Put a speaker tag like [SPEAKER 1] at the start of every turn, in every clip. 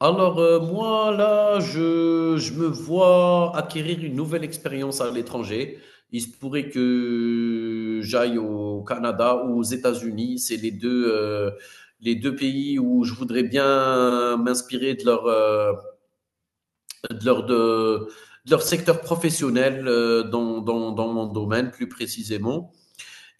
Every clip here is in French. [SPEAKER 1] Moi, là, je me vois acquérir une nouvelle expérience à l'étranger. Il se pourrait que j'aille au Canada ou aux États-Unis. C'est les deux pays où je voudrais bien m'inspirer de de leur, de, de leur secteur professionnel, dans mon domaine plus précisément.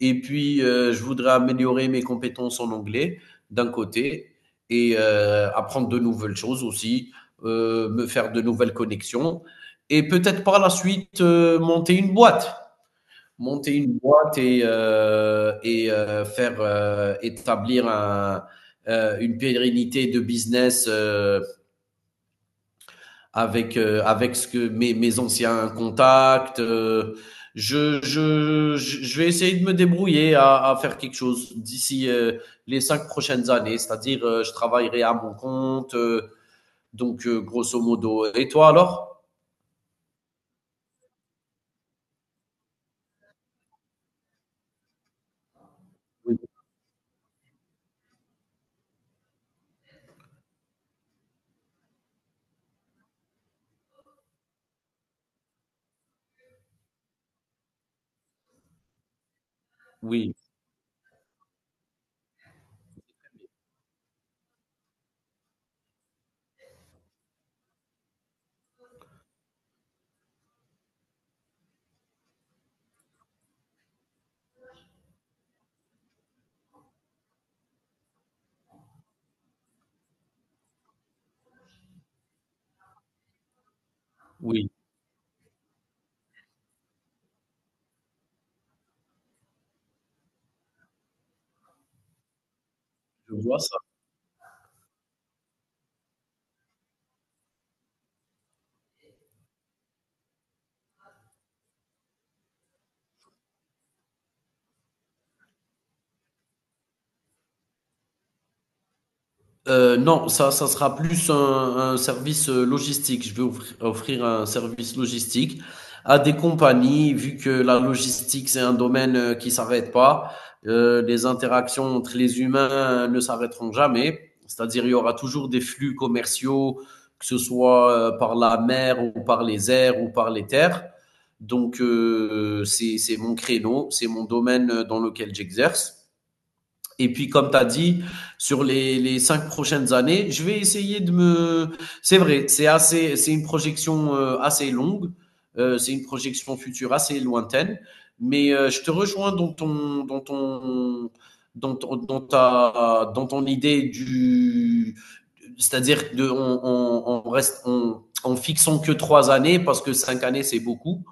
[SPEAKER 1] Et puis, je voudrais améliorer mes compétences en anglais, d'un côté, et apprendre de nouvelles choses aussi, me faire de nouvelles connexions, et peut-être par la suite, monter une boîte. Monter une boîte et faire établir une pérennité de business, avec ce que mes anciens contacts. Je vais essayer de me débrouiller à faire quelque chose d'ici, les cinq prochaines années. C'est-à-dire, je travaillerai à mon compte. Grosso modo. Et toi alors? Oui, oui, oui. Je vois ça. Non, ça sera plus un service, logistique. Je veux offrir un service logistique à des compagnies, vu que la logistique, c'est un domaine, qui s'arrête pas. Les interactions entre les humains, ne s'arrêteront jamais. C'est-à-dire, il y aura toujours des flux commerciaux, que ce soit, par la mer ou par les airs ou par les terres. Donc, c'est mon créneau, c'est mon domaine, dans lequel j'exerce. Et puis, comme tu as dit, sur les cinq prochaines années, je vais essayer de me. C'est vrai, c'est assez, c'est une projection, assez longue, c'est une projection future assez lointaine, mais je te rejoins dans ton idée du, c'est-à-dire de, on reste, on, en fixant que trois années parce que cinq années c'est beaucoup.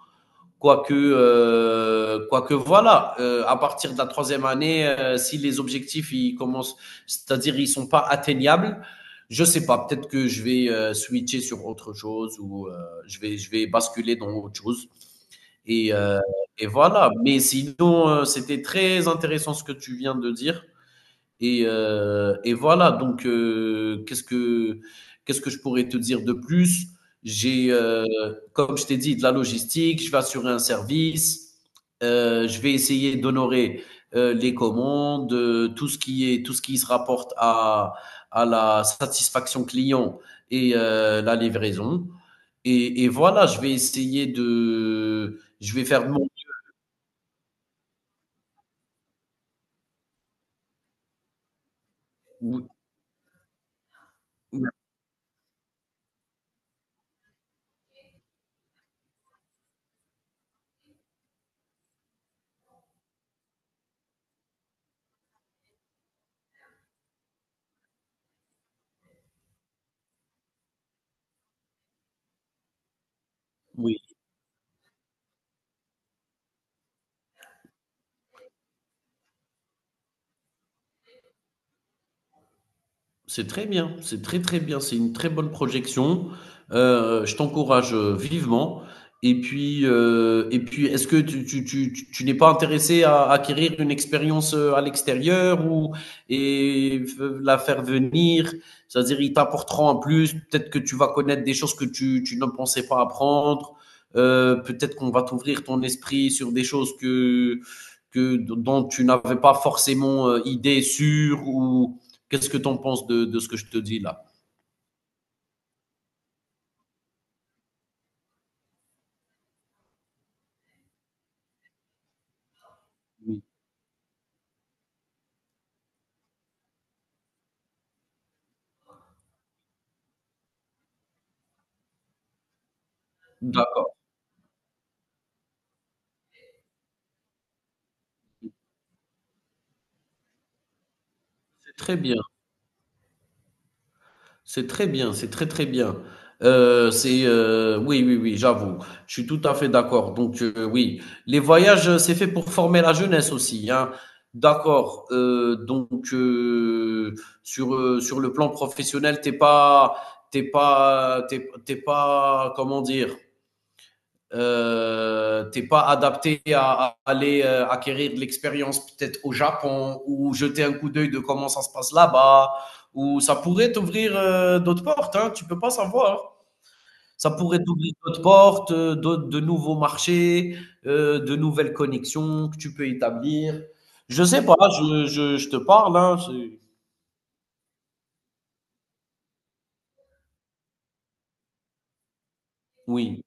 [SPEAKER 1] Quoique, voilà, à partir de la troisième année, si les objectifs ils commencent, c'est-à-dire ils ne sont pas atteignables, je ne sais pas, peut-être que je vais, switcher sur autre chose ou, je vais basculer dans autre chose. Et, euh, et voilà. Mais sinon, c'était très intéressant ce que tu viens de dire. Et voilà donc, qu'est-ce que je pourrais te dire de plus? J'ai, heu, Comme je t'ai dit, de la logistique, je vais assurer un service, je vais essayer d'honorer, les commandes, tout ce qui est tout ce qui se rapporte à la satisfaction client et, la livraison et voilà, je vais essayer de je vais faire de mon oui. Oui. C'est très bien, c'est très, très bien, c'est une très bonne projection. Je t'encourage, vivement et puis, est-ce que tu n'es pas intéressé à acquérir une expérience, à l'extérieur ou et f la faire venir? C'est-à-dire ils t'apporteront en plus, peut-être que tu vas connaître des choses que tu ne pensais pas apprendre, peut-être qu'on va t'ouvrir ton esprit sur des choses que dont tu n'avais pas forcément, idée sûre ou qu'est-ce que tu en penses de ce que je te dis là? Oui. Mmh. D'accord, c'est très bien, c'est très bien, c'est très, très bien. Oui, oui, oui, j'avoue. Je suis tout à fait d'accord. Donc, oui, les voyages, c'est fait pour former la jeunesse aussi, hein. D'accord, sur le plan professionnel, t'es pas, comment dire? T'es pas adapté à aller, acquérir de l'expérience peut-être au Japon ou jeter un coup d'œil de comment ça se passe là-bas ou ça pourrait t'ouvrir, d'autres portes, hein, tu ne peux pas savoir. Ça pourrait t'ouvrir d'autres portes, de nouveaux marchés, de nouvelles connexions que tu peux établir. Je sais pas, je te parle, hein, c'est- Oui,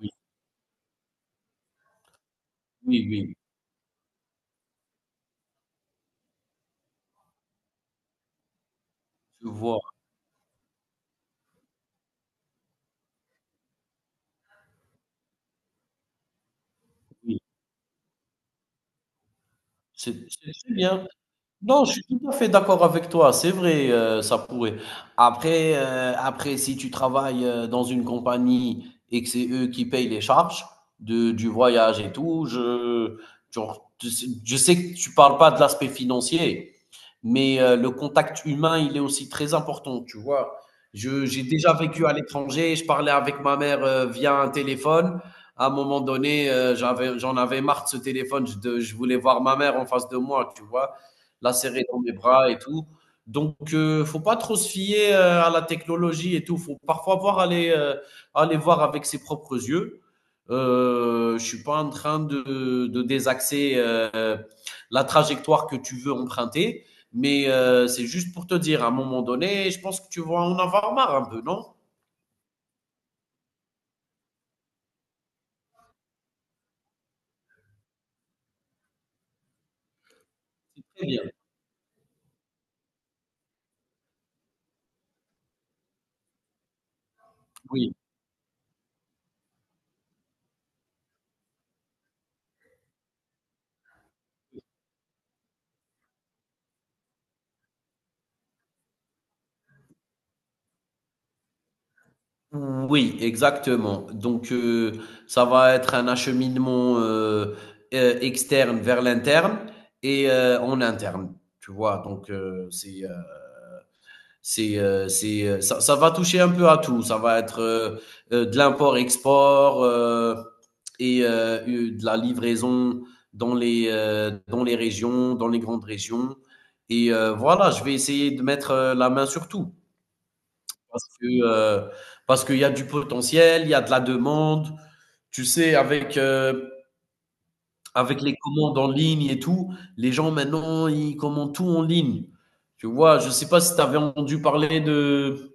[SPEAKER 1] oui, oui, oui, je vois, oui. C'est très bien. Non, je suis tout à fait d'accord avec toi. C'est vrai, ça pourrait. Après, si tu travailles, dans une compagnie et que c'est eux qui payent les charges du voyage et tout, je, genre, tu sais- je sais que tu parles pas de l'aspect financier, mais le contact humain, il est aussi très important, tu vois. J'ai déjà vécu à l'étranger, je parlais avec ma mère, via un téléphone. À un moment donné, j'en avais marre de ce téléphone, je voulais voir ma mère en face de moi, tu vois la serrer dans mes bras et tout. Donc, il, ne faut pas trop se fier, à la technologie et tout. Il faut parfois voir aller, aller voir avec ses propres yeux. Je ne suis pas en train de désaxer, la trajectoire que tu veux emprunter, mais c'est juste pour te dire, à un moment donné, je pense que tu vas en avoir marre un peu, non. Très bien. Oui. Oui, exactement. Donc, ça va être un acheminement, externe vers l'interne et en interne. Tu vois, donc c'est, ça va toucher un peu à tout. Ça va être, de l'import-export, et, de la livraison, dans les régions, dans les grandes régions. Et voilà, je vais essayer de mettre, la main sur tout parce que, parce qu'il y a du potentiel, il y a de la demande. Tu sais, avec les commandes en ligne et tout, les gens maintenant ils commandent tout en ligne. Tu vois, je sais pas si tu avais entendu parler de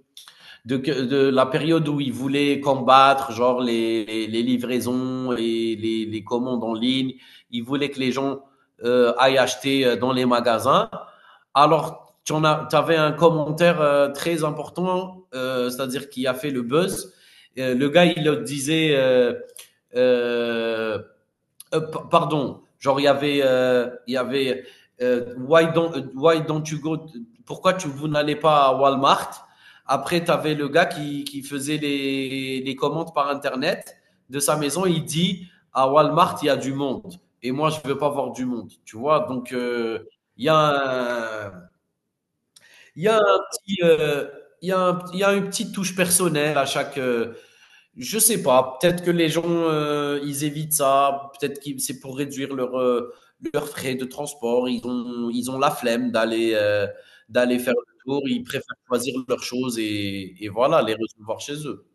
[SPEAKER 1] de la période où ils voulaient combattre, genre les livraisons et commandes en ligne. Ils voulaient que les gens, aillent acheter, dans les magasins. Alors, tu en as tu avais un commentaire, très important, c'est-à-dire qui a fait le buzz. Le gars, il disait euh, pardon, genre il y avait, why don't you go, pourquoi vous n'allez pas à Walmart? Après, tu avais le gars qui faisait les commandes par Internet de sa maison. Il dit à Walmart, il y a du monde. Et moi, je ne veux pas voir du monde. Tu vois, donc il y a un, il y a un petit, il y a une petite touche personnelle à chaque, je sais pas. Peut-être que les gens, ils évitent ça. Peut-être que c'est pour réduire leur, leurs frais de transport. Ils ont la flemme d'aller, d'aller faire le tour. Ils préfèrent choisir leurs choses et voilà, les recevoir chez eux.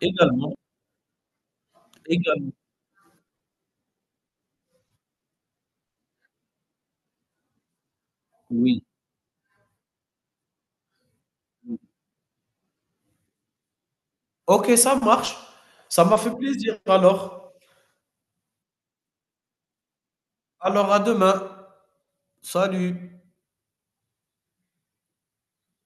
[SPEAKER 1] Également, également. Oui. OK, ça marche. Ça m'a fait plaisir alors. Alors à demain. Salut.